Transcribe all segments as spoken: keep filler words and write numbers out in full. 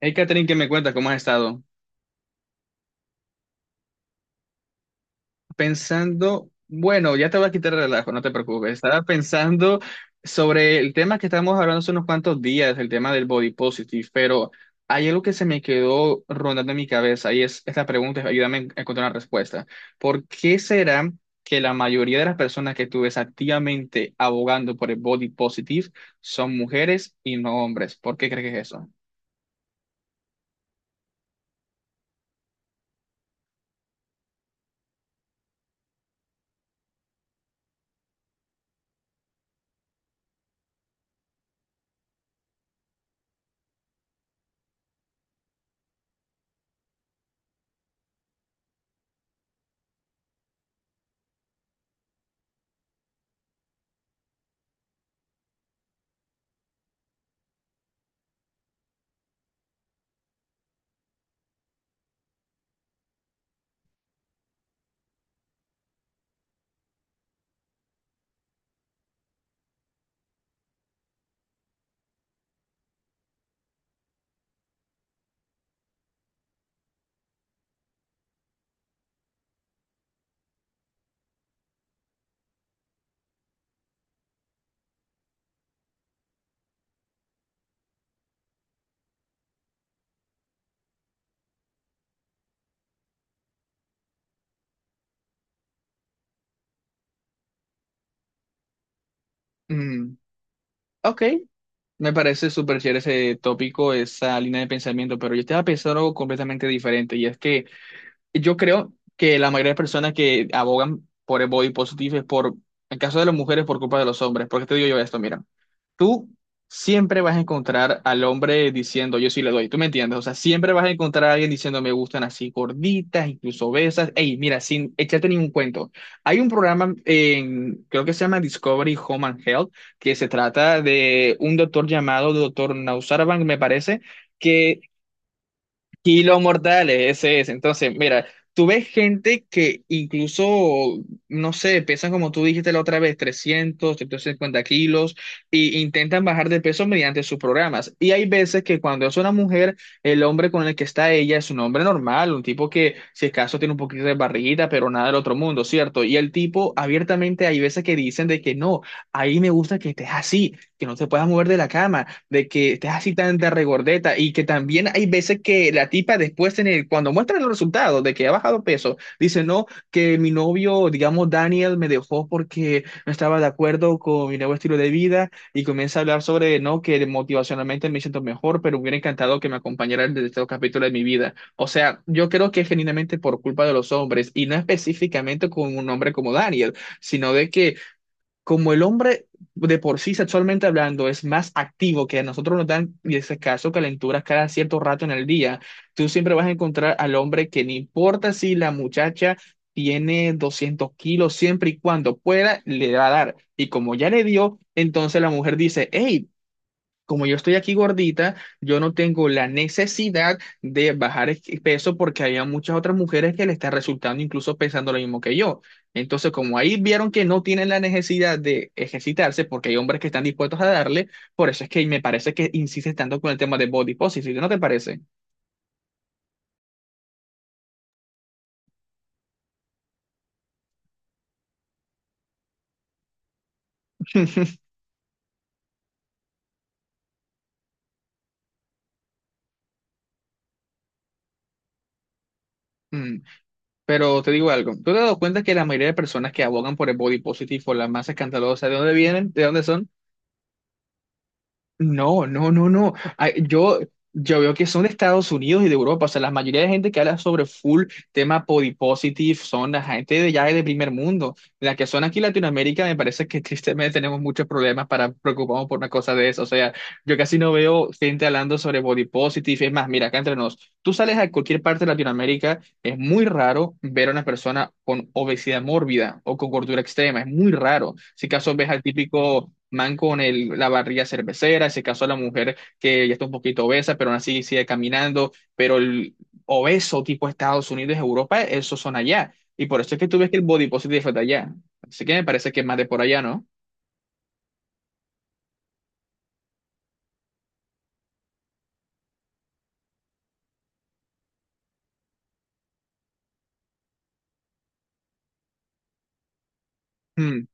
Hey, Catherine, ¿qué me cuenta? ¿Cómo has estado? Pensando, bueno, ya te voy a quitar el relajo, no te preocupes. Estaba pensando sobre el tema que estábamos hablando hace unos cuantos días, el tema del body positive, pero hay algo que se me quedó rondando en mi cabeza y es esta pregunta, ayúdame a encontrar una respuesta. ¿Por qué será que la mayoría de las personas que tú ves activamente abogando por el body positive son mujeres y no hombres? ¿Por qué crees que es eso? Mm, ok. Me parece súper chévere ese tópico, esa línea de pensamiento, pero yo estaba pensando algo completamente diferente y es que yo creo que la mayoría de personas que abogan por el body positive es por, en caso de las mujeres, por culpa de los hombres. Porque te digo yo esto, mira, tú siempre vas a encontrar al hombre diciendo, yo sí le doy, ¿tú me entiendes? O sea, siempre vas a encontrar a alguien diciendo, me gustan así gorditas, incluso obesas. Ey, mira, sin echarte ningún cuento. Hay un programa en, creo que se llama Discovery Home and Health, que se trata de un doctor llamado doctor Nausarvan, me parece. Que Kilos mortales, ese es. Entonces, mira, tú ves gente que incluso, no sé, pesan como tú dijiste la otra vez, trescientos, cincuenta kilos, e intentan bajar de peso mediante sus programas. Y hay veces que cuando es una mujer, el hombre con el que está ella es un hombre normal, un tipo que, si es caso, tiene un poquito de barriguita, pero nada del otro mundo, ¿cierto? Y el tipo, abiertamente, hay veces que dicen de que no, ahí me gusta que estés así, que no te puedas mover de la cama, de que estés así tan de regordeta. Y que también hay veces que la tipa después, en el, cuando muestra los resultados de que ha bajado peso, dice, no, que mi novio, digamos, Daniel me dejó porque no estaba de acuerdo con mi nuevo estilo de vida y comienza a hablar sobre, no, que motivacionalmente me siento mejor, pero me hubiera encantado que me acompañara en este capítulo de mi vida. O sea, yo creo que es genuinamente por culpa de los hombres y no específicamente con un hombre como Daniel, sino de que como el hombre de por sí sexualmente hablando es más activo, que a nosotros nos dan, y ese caso, calenturas cada cierto rato en el día, tú siempre vas a encontrar al hombre que no importa si la muchacha tiene doscientos kilos, siempre y cuando pueda, le va a dar. Y como ya le dio, entonces la mujer dice, hey, como yo estoy aquí gordita, yo no tengo la necesidad de bajar es- peso porque había muchas otras mujeres que le está resultando incluso pensando lo mismo que yo. Entonces, como ahí vieron que no tienen la necesidad de ejercitarse porque hay hombres que están dispuestos a darle, por eso es que me parece que insistes tanto con el tema de body positive, ¿no te parece? Mm, pero te digo algo, ¿tú te has dado cuenta que la mayoría de personas que abogan por el body positive o las más escandalosas, ¿de dónde vienen? ¿De dónde son? No, no, no, no. Ay, Yo, yo veo que son de Estados Unidos y de Europa. O sea, la mayoría de gente que habla sobre full tema body positive son la gente de ya de primer mundo. La que son aquí en Latinoamérica, me parece que tristemente tenemos muchos problemas para preocuparnos por una cosa de eso. O sea, yo casi no veo gente hablando sobre body positive. Es más, mira, acá entre nos, tú sales a cualquier parte de Latinoamérica, es muy raro ver a una persona con obesidad mórbida o con gordura extrema, es muy raro. Si acaso ves al típico man con el, la barriga cervecera, si acaso a la mujer que ya está un poquito obesa, pero aún así sigue caminando, pero el obeso tipo Estados Unidos, Europa, esos son allá. Y por eso es que tú ves que el body positive fue de allá. Así que me parece que es más de por allá, ¿no? Hmm.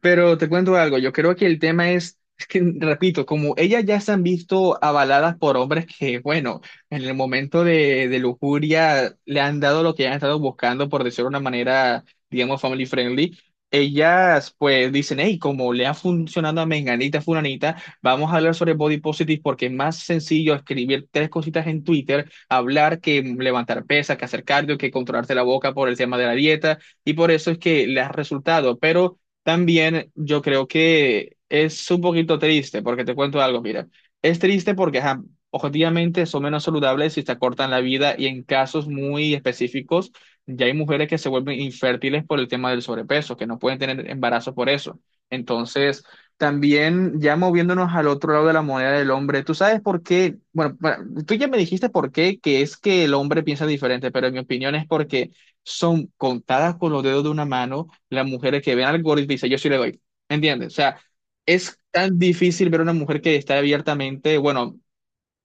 Pero te cuento algo, yo creo que el tema es, es que, repito, como ellas ya se han visto avaladas por hombres que, bueno, en el momento de, de lujuria le han dado lo que han estado buscando, por decirlo de una manera, digamos, family friendly, ellas pues dicen, hey, como le ha funcionado a Menganita, Fulanita, vamos a hablar sobre body positive porque es más sencillo escribir tres cositas en Twitter, hablar que levantar pesas, que hacer cardio, que controlarse la boca por el tema de la dieta, y por eso es que les ha resultado, pero... También yo creo que es un poquito triste, porque te cuento algo, mira, es triste porque ajá, objetivamente son menos saludables y te acortan la vida y en casos muy específicos ya hay mujeres que se vuelven infértiles por el tema del sobrepeso, que no pueden tener embarazo por eso. Entonces, también ya moviéndonos al otro lado de la moneda del hombre, ¿tú sabes por qué? Bueno, bueno, tú ya me dijiste por qué, que es que el hombre piensa diferente, pero en mi opinión es porque son contadas con los dedos de una mano las mujeres que ven algoritmo y dicen, yo sí le doy. ¿Entiendes? O sea, es tan difícil ver una mujer que está abiertamente, bueno,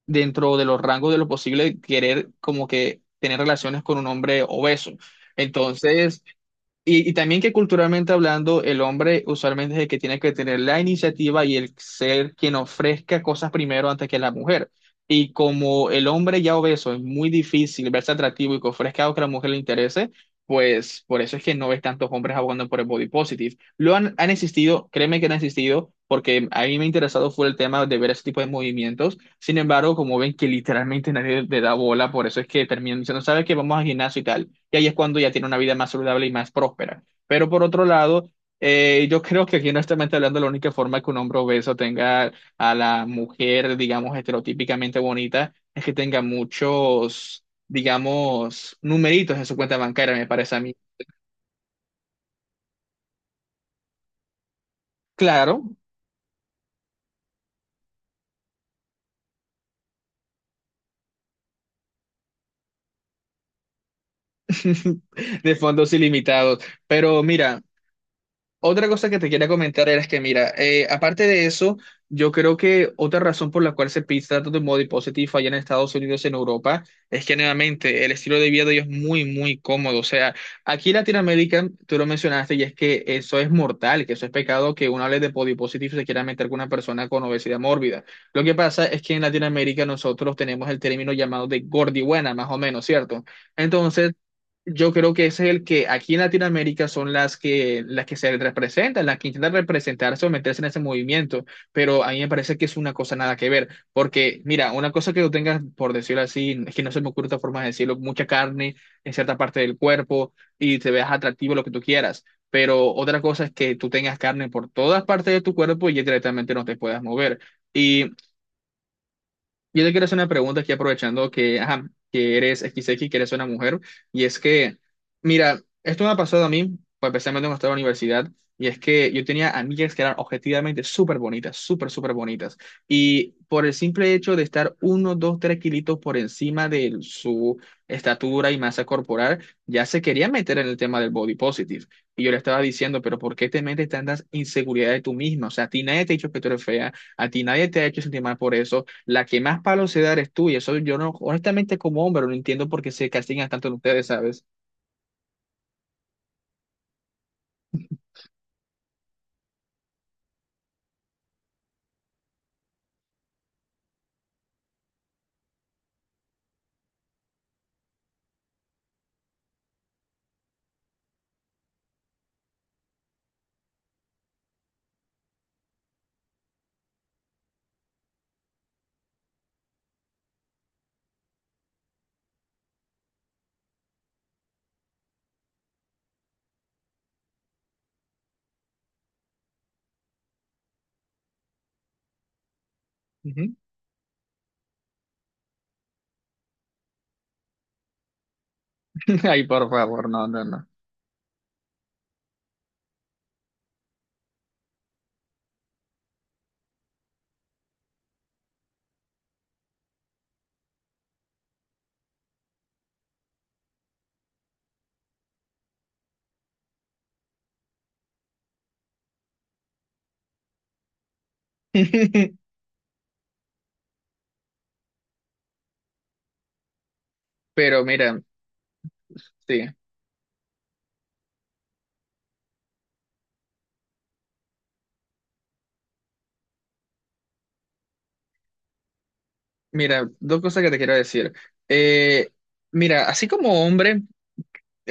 dentro de los rangos de lo posible, querer como que tener relaciones con un hombre obeso. Entonces, y, y también que culturalmente hablando, el hombre usualmente es el que tiene que tener la iniciativa y el ser quien ofrezca cosas primero antes que la mujer. Y como el hombre ya obeso es muy difícil verse atractivo y que ofrezca algo que a la mujer le interese, pues por eso es que no ves tantos hombres abogando por el body positive. Lo han, han existido, créeme que han existido, porque a mí me ha interesado fue el tema de ver ese tipo de movimientos. Sin embargo, como ven que literalmente nadie le da bola, por eso es que terminan diciendo, ¿sabes qué? Vamos al gimnasio y tal, y ahí es cuando ya tiene una vida más saludable y más próspera. Pero por otro lado, eh, yo creo que aquí honestamente hablando, la única forma que un hombre obeso tenga a la mujer, digamos, estereotípicamente bonita, es que tenga muchos, digamos, numeritos en su cuenta bancaria, me parece a mí. Claro, de fondos ilimitados. Pero mira, otra cosa que te quería comentar era que, mira, eh, aparte de eso, yo creo que otra razón por la cual se pide tanto de body positive allá en Estados Unidos, en Europa, es que nuevamente el estilo de vida de ellos es muy, muy cómodo. O sea, aquí en Latinoamérica, tú lo mencionaste, y es que eso es mortal, que eso es pecado que uno hable de body positive y se quiera meter con una persona con obesidad mórbida. Lo que pasa es que en Latinoamérica nosotros tenemos el término llamado de gordibuena, más o menos, ¿cierto? Entonces yo creo que ese es el que aquí en Latinoamérica son las que, las que se representan, las que intentan representarse o meterse en ese movimiento, pero a mí me parece que es una cosa nada que ver, porque mira, una cosa que tú tengas, por decirlo así, es que no se me ocurre otra forma de decirlo, mucha carne en cierta parte del cuerpo y te veas atractivo lo que tú quieras, pero otra cosa es que tú tengas carne por todas partes de tu cuerpo y ya directamente no te puedas mover. Y yo te quiero hacer una pregunta aquí aprovechando que, ajá, que eres equis equis, que eres una mujer, y es que, mira, esto me ha pasado a mí, pues especialmente cuando estaba en la universidad, y es que yo tenía amigas que eran objetivamente súper bonitas, súper, súper bonitas, y por el simple hecho de estar uno, dos, tres kilitos por encima de su estatura y masa corporal, ya se quería meter en el tema del body positive, y yo le estaba diciendo, pero ¿por qué te metes tantas inseguridades tú misma? O sea, a ti nadie te ha dicho que tú eres fea, a ti nadie te ha hecho sentir mal por eso, la que más palo se da eres tú, y eso yo no, honestamente como hombre, no entiendo por qué se castigan tanto en ustedes, ¿sabes? Ujú. Ay, por favor, no, no, no. Pero mira, sí, mira, dos cosas que te quiero decir. Eh, mira, así como hombre,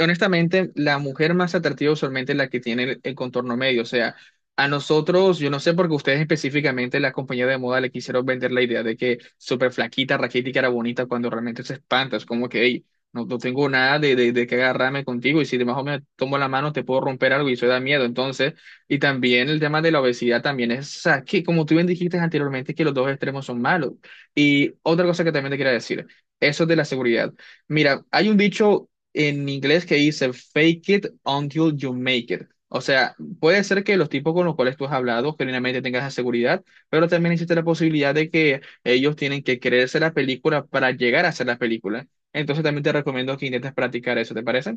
honestamente, la mujer más atractiva usualmente es la que tiene el, el contorno medio. O sea, a nosotros, yo no sé por qué ustedes específicamente, la compañía de moda, le quisieron vender la idea de que súper flaquita, raquítica era bonita cuando realmente se espanta. Es como que, hey, no, no tengo nada de, de, de que agarrarme contigo y si de más o menos tomo la mano te puedo romper algo y eso da miedo. Entonces, y también el tema de la obesidad también es, o sea, que como tú bien dijiste anteriormente, que los dos extremos son malos. Y otra cosa que también te quería decir, eso de la seguridad. Mira, hay un dicho en inglés que dice fake it until you make it. O sea, puede ser que los tipos con los cuales tú has hablado genuinamente tengas esa seguridad, pero también existe la posibilidad de que ellos tienen que creerse la película para llegar a hacer la película. Entonces también te recomiendo que intentes practicar eso, ¿te parece?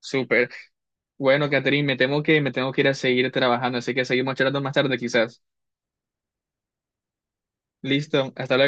Súper. Bueno, Catherine, me temo que me tengo que ir a seguir trabajando, así que seguimos charlando más tarde quizás. Listo, hasta luego.